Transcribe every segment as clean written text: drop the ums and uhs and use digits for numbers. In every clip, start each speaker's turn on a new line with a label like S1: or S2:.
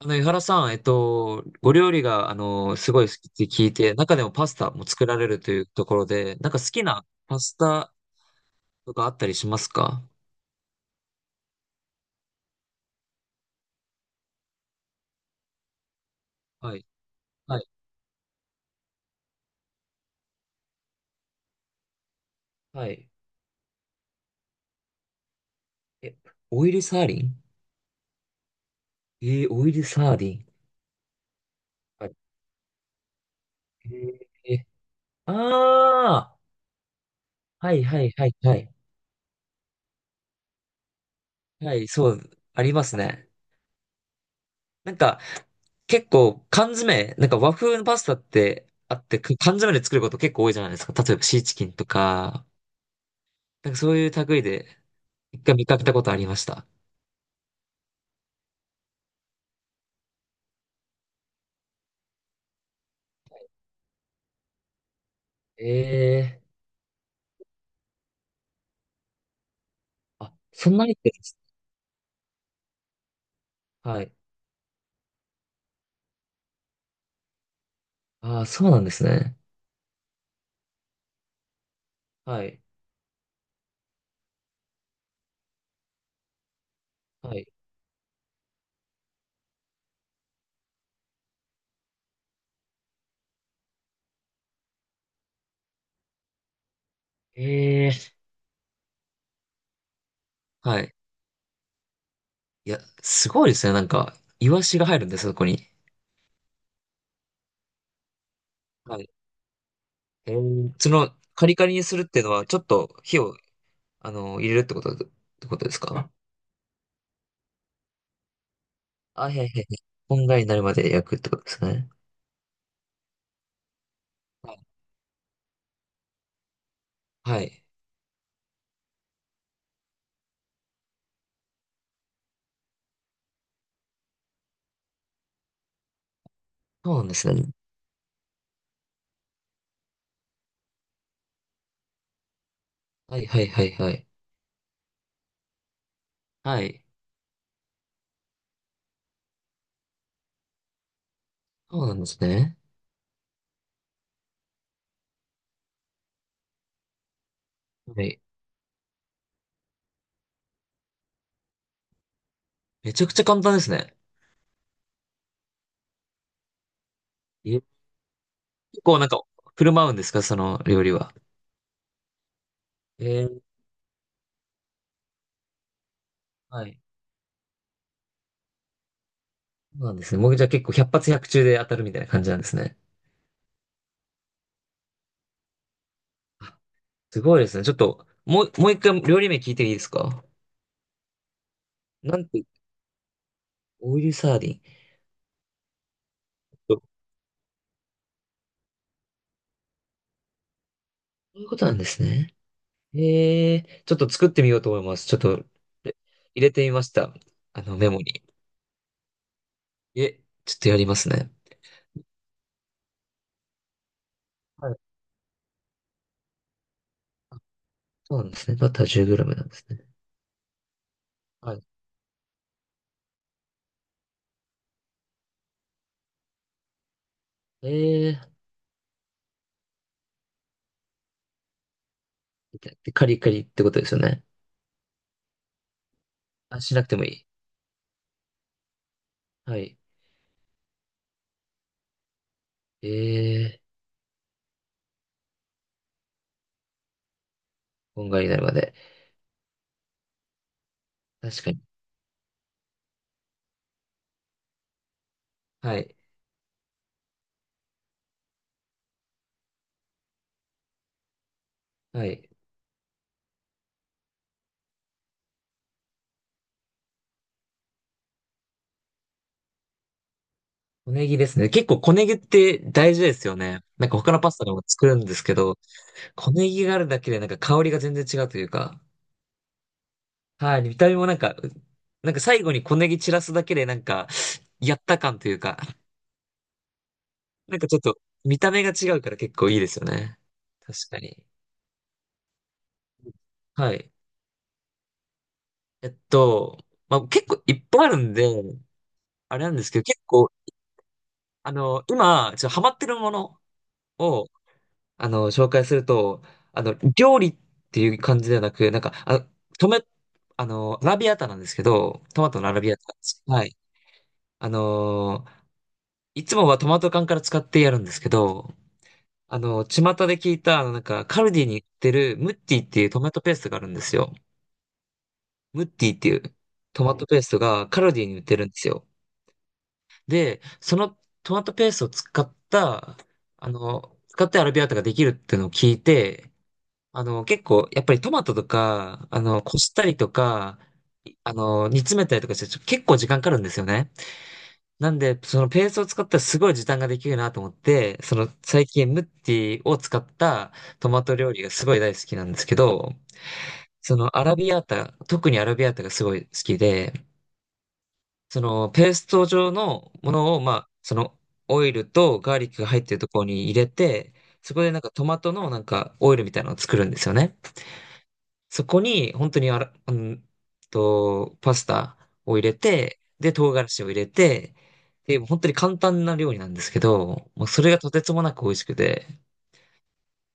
S1: 江原さん、ご料理が、すごい好きって聞いて、中でもパスタも作られるというところで、なんか好きなパスタとかあったりしますか？はい、はい、はい。え、オイルサーディン。オイルサーディン。はい。えー、ああ、はい、はい、はい、はい。はい、そう、ありますね。なんか、結構缶詰、なんか和風のパスタってあって、く缶詰で作ること結構多いじゃないですか。例えばシーチキンとか、なんかそういう類で。一回見かけたことありました。ええ。あ、そんなにってるんです。はい。ああ、そうなんですね。はい。はい。ええ。はい。いや、すごいですね。なんか、イワシが入るんです、そこに。はい。その、カリカリにするっていうのは、ちょっと火を、入れるってことだ、ってことですか？あ、はいはいはい。こんがりになるまで焼くってことですね。はい。はい。そうなんですね。はいはいはいはい。はい。そうなんですね。はい。めちゃくちゃ簡単ですね。え。結構なんか、振る舞うんですか、その料理は。えー、はい。そうなんですね。もうじゃあ結構百発百中で当たるみたいな感じなんですね。あ。すごいですね。ちょっと、もう、もう一回料理名聞いていいですか？なんて、オイルサーディン。そういうことなんですね。ええ。ちょっと作ってみようと思います。ちょっと、え。入れてみました。あの、メモに。え、ちょっとやりますね。はい。あ。そうなんですね。バター 10g なんですね。はい。ええ。で、カリカリってことですよね。あ、しなくてもいい。はい。ええ。こんがりになるまで。確かに。はい。はい。小ネギですね。結構小ネギって大事ですよね。なんか他のパスタでも作るんですけど、小ネギがあるだけでなんか香りが全然違うというか、はい。見た目もなんか、なんか最後に小ネギ散らすだけでなんか、やった感というか、なんかちょっと見た目が違うから結構いいですよね。確かに。はい。えっと、まあ、結構いっぱいあるんで、あれなんですけど、結構、今、ちょっとハマってるものを、紹介すると、料理っていう感じではなく、なんか、あ、トマ、アラビアータなんですけど、トマトのアラビアータなんです。はい。あのーいつもはトマト缶から使ってやるんですけど、巷で聞いた、なんか、カルディに売ってるムッティっていうトマトペーストがあるんですよ。ムッティっていうトマトペーストがカルディに売ってるんですよ。で、そのトマトペーストを使った、使ってアラビアータができるっていうのを聞いて、結構、やっぱりトマトとか、こしたりとか、煮詰めたりとかして、結構時間かかるんですよね。なんで、そのペーストを使ったらすごい時短ができるなと思って、その最近ムッティを使ったトマト料理がすごい大好きなんですけど、そのアラビアータ、特にアラビアータがすごい好きで、そのペースト状のものを、まあ、そのオイルとガーリックが入ってるところに入れて、そこでなんかトマトのなんかオイルみたいなのを作るんですよね。そこに、本当にあら、うんと、パスタを入れて、で、唐辛子を入れて、で、本当に簡単な料理なんですけど、もうそれがとてつもなく美味しくて、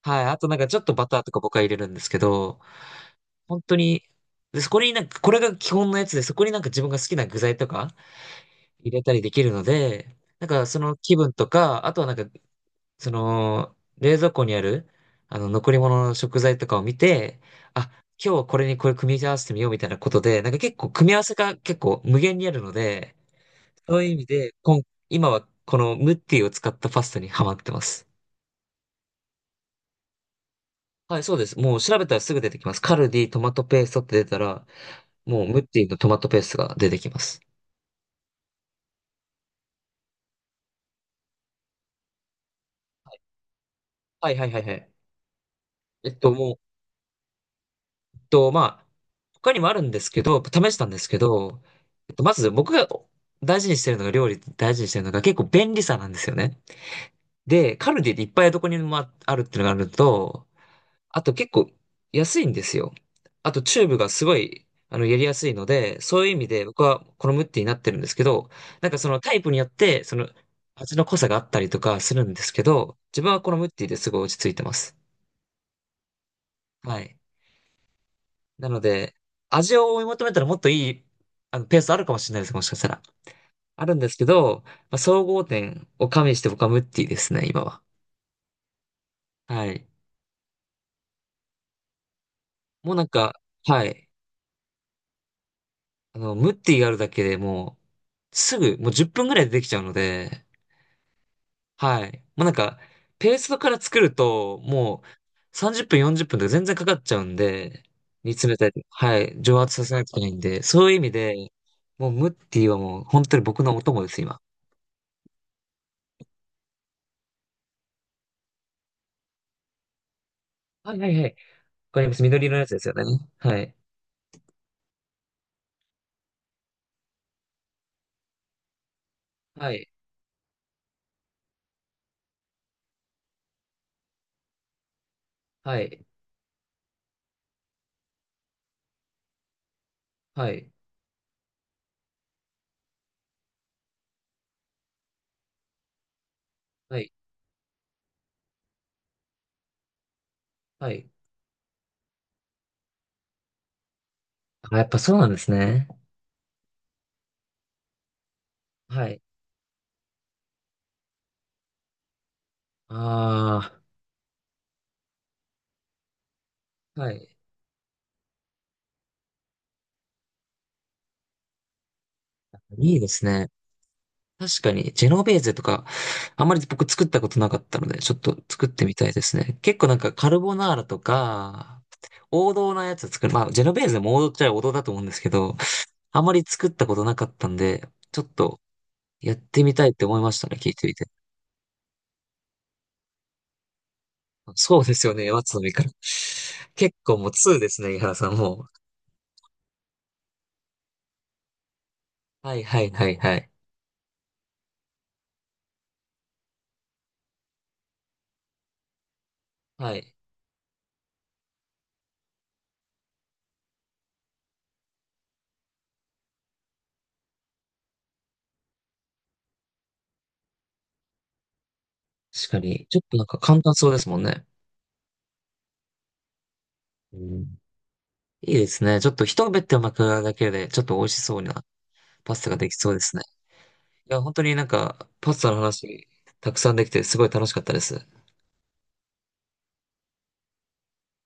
S1: はい、あとなんかちょっとバターとか僕は入れるんですけど、本当に、で、そこになんか、これが基本のやつで、そこになんか自分が好きな具材とか入れたりできるので、なんかその気分とか、あとはなんかその、冷蔵庫にある、残り物の食材とかを見て、あ、今日はこれにこれ組み合わせてみようみたいなことで、なんか結構組み合わせが結構無限にあるので、そういう意味で、今、はこのムッティを使ったパスタにハマってます。はい、そうです。もう調べたらすぐ出てきます。カルディトマトペーストって出たら、もうムッティのトマトペーストが出てきます。はいはいはいはい。もうと、まあ、他にもあるんですけど、試したんですけど、まず僕が大事にしてるのが、料理大事にしてるのが結構便利さなんですよね。で、カルディでいっぱいどこにもああるっていうのがあるのと、あと結構安いんですよ。あとチューブがすごい、やりやすいので、そういう意味で僕はこのムッティになってるんですけど、なんかそのタイプによって、その味の濃さがあったりとかするんですけど、自分はこのムッティですごい落ち着いてます。はい。なので、味を追い求めたらもっといい、ペースあるかもしれないです、もしかしたら。あるんですけど、まあ、総合点を加味して僕はムッティですね、今は。はい。もうなんか、はい。ムッティがあるだけでもう、すぐ、もう10分ぐらいでできちゃうので、はい。もうなんか、ペーストから作ると、もう30分、40分とか全然かかっちゃうんで、煮詰めたり、はい、蒸発させないといけないんで、そういう意味で、もうムッティはもう本当に僕のお供です、今。はいはいはい。かります。緑色のやつですよね。はい。はい。はい。はい。はい。はい。あ、やっぱそうなんですね。はい。ああ、はい。いいですね。確かに、ジェノベーゼとか、あんまり僕作ったことなかったので、ちょっと作ってみたいですね。結構なんかカルボナーラとか、王道なやつ作る。まあ、ジェノベーゼも王道っちゃ王道だと思うんですけど、あんまり作ったことなかったんで、ちょっとやってみたいって思いましたね、聞いてみて。そうですよね。松の実から。結構もう2ですね、井原さんもう。はいはいはいはい。はい。確かに。ちょっとなんか簡単そうですもんね。うん。いいですね。ちょっと一目って巻くだけで、ちょっと美味しそうなパスタができそうですね。いや、本当になんか、パスタの話、たくさんできて、すごい楽しかったです。